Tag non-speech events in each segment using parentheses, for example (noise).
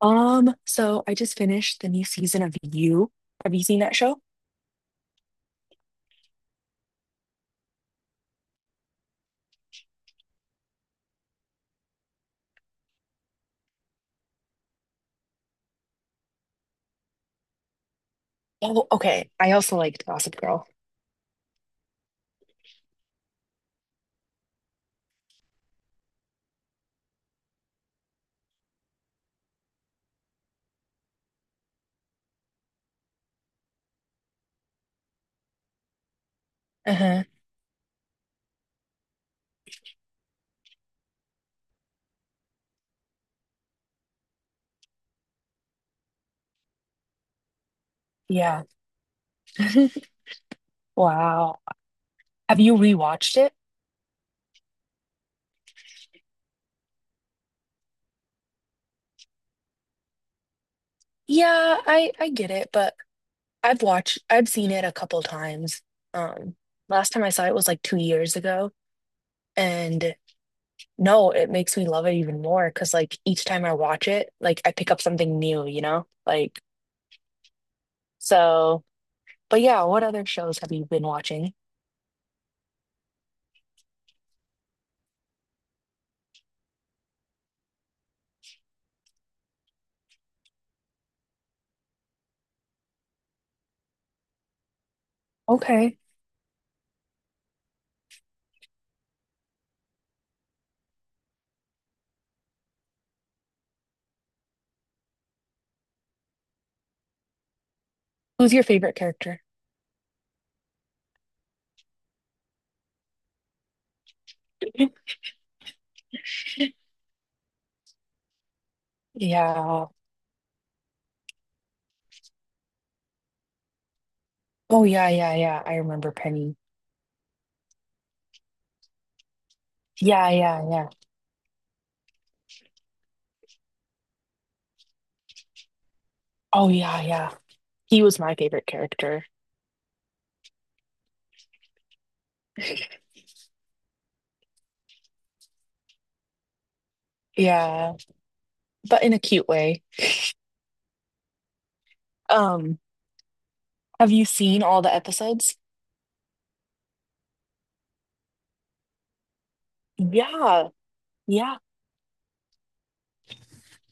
So I just finished the new season of You. Have you seen that show? Oh, okay. I also liked Gossip Girl. Uh-huh. Yeah. (laughs) Wow. Have you rewatched it? Yeah, I get it, but I've seen it a couple times. Um, last time I saw it was like 2 years ago, and no, it makes me love it even more because like each time I watch it, like I pick up something new, you know? So, but yeah, what other shows have you been watching? Okay. Who's your favorite character? (laughs) Yeah. Oh yeah, yeah, yeah. I remember Penny. Yeah, yeah, yeah. Oh yeah, yeah. He was my favorite character. (laughs) Yeah, but in a cute way. Um, have you seen all the episodes? Yeah, yeah.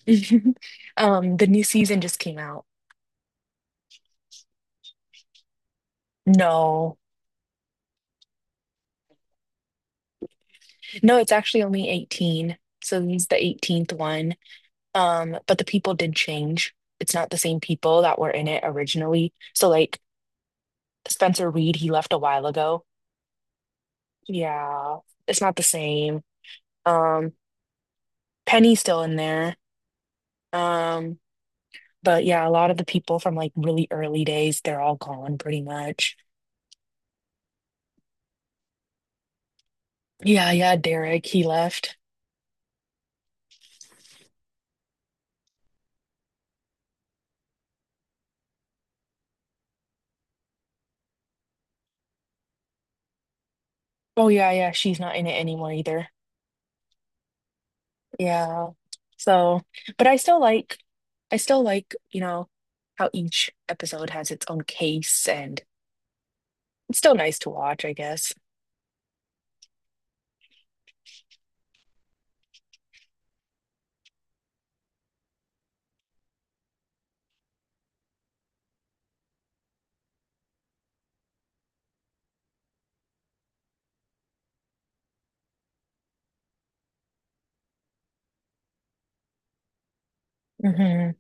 (laughs) The new season just came out. No. No, it's actually only 18. So he's the 18th one. But the people did change. It's not the same people that were in it originally. So like Spencer Reed, he left a while ago. Yeah, it's not the same. Um, Penny's still in there. Um, but yeah, a lot of the people from like really early days, they're all gone pretty much. Yeah, yeah, Derek, he left. Oh yeah, yeah, she's not in it anymore either. Yeah. So, but I still like, you know, how each episode has its own case and it's still nice to watch, I guess. Hmm.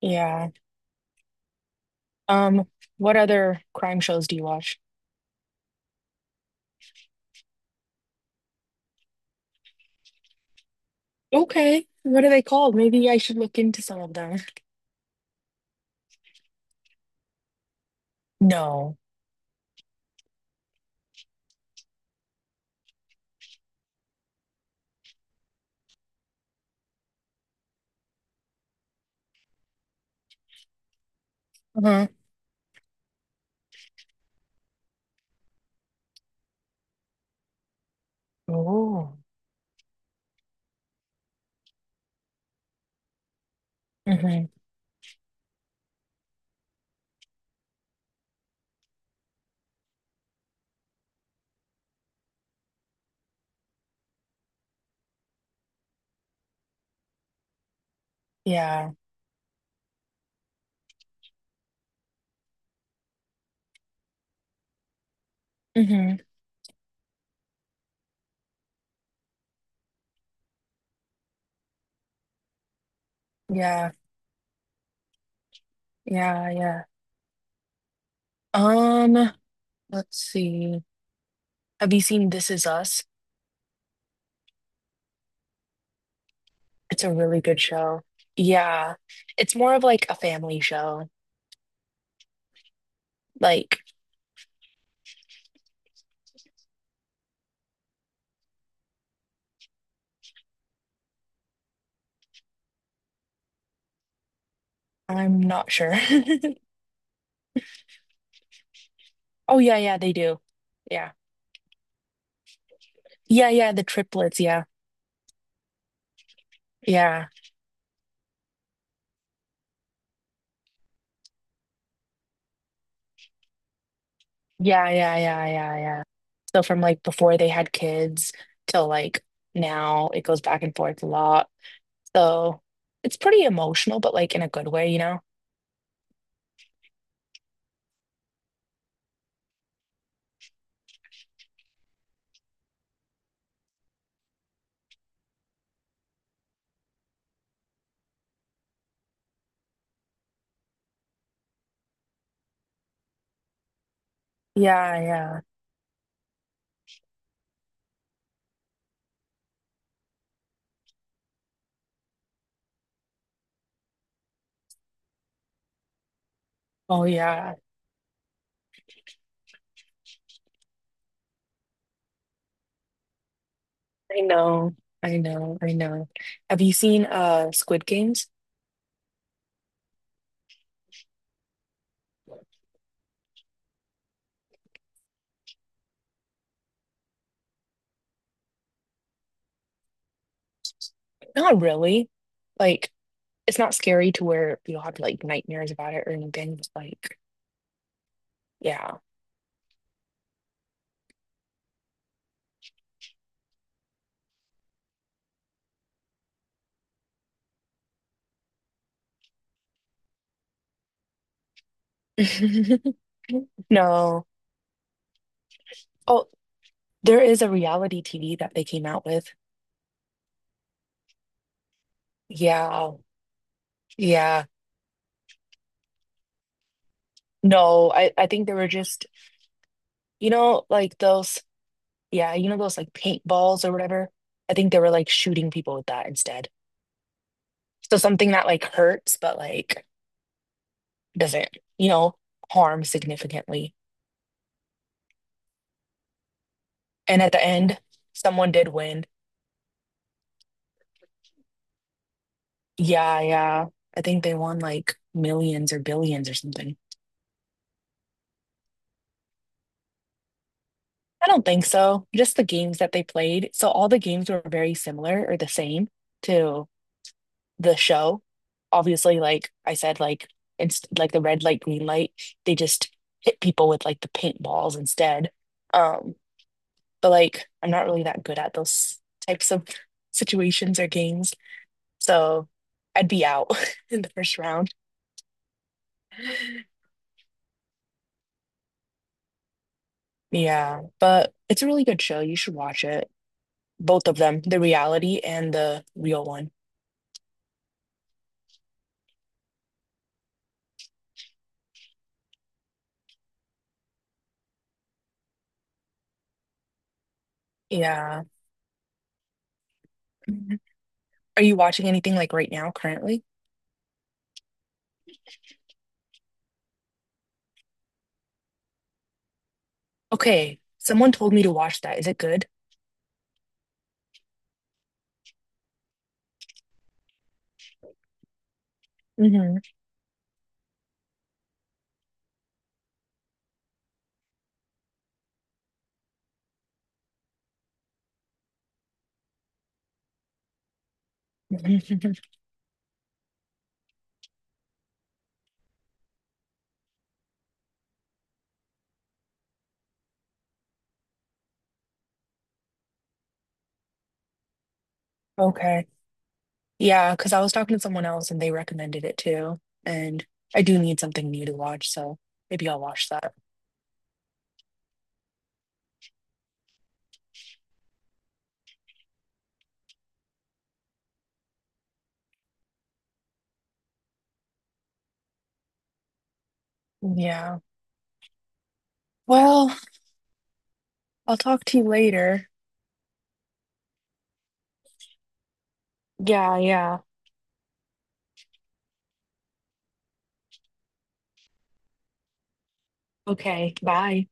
Yeah. Um, what other crime shows do you watch? Okay. What are they called? Maybe I should look into some of them. No. Uh-huh. Oh. Hmm. Yeah. Hmm. Yeah. Yeah. Yeah. Um, let's see. Have you seen This Is Us? It's a really good show. Yeah. It's more of like a family show. Like, I'm not sure. (laughs) Oh, yeah, yeah, they do. Yeah. Yeah, yeah, the triplets. Yeah. Yeah. Yeah, yeah, yeah, yeah, yeah. So from like before they had kids till like now, it goes back and forth a lot. So it's pretty emotional, but like in a good way, you know? Yeah, yeah. Oh, yeah. I know. I know. I know. Have you seen Squid Games? Not really. Like it's not scary to where you'll have like nightmares about it or anything. It's like, yeah. (laughs) No. Oh, there is a reality TV that they came out with. Yeah. Yeah. No, I think they were just, you know, like those, yeah, you know, those like paintballs or whatever. I think they were like shooting people with that instead. So something that like hurts, but like doesn't, you know, harm significantly. And at the end, someone did win. Yeah, yeah. I think they won like millions or billions or something. I don't think so. Just the games that they played. So all the games were very similar or the same to the show. Obviously, like I said, like it's like the red light, green light. They just hit people with like the paintballs instead. Um, but like I'm not really that good at those types of situations or games. So I'd be out (laughs) in the first round. Yeah, but it's a really good show. You should watch it. Both of them, the reality and the real one. Yeah. Mhm. Are you watching anything like right now currently? Okay, someone told me to watch that. Is it good? Hmm. (laughs) Okay. Yeah, because I was talking to someone else and they recommended it too. And I do need something new to watch, so maybe I'll watch that. Yeah. Well, I'll talk to you later. Yeah, yeah. Okay, bye.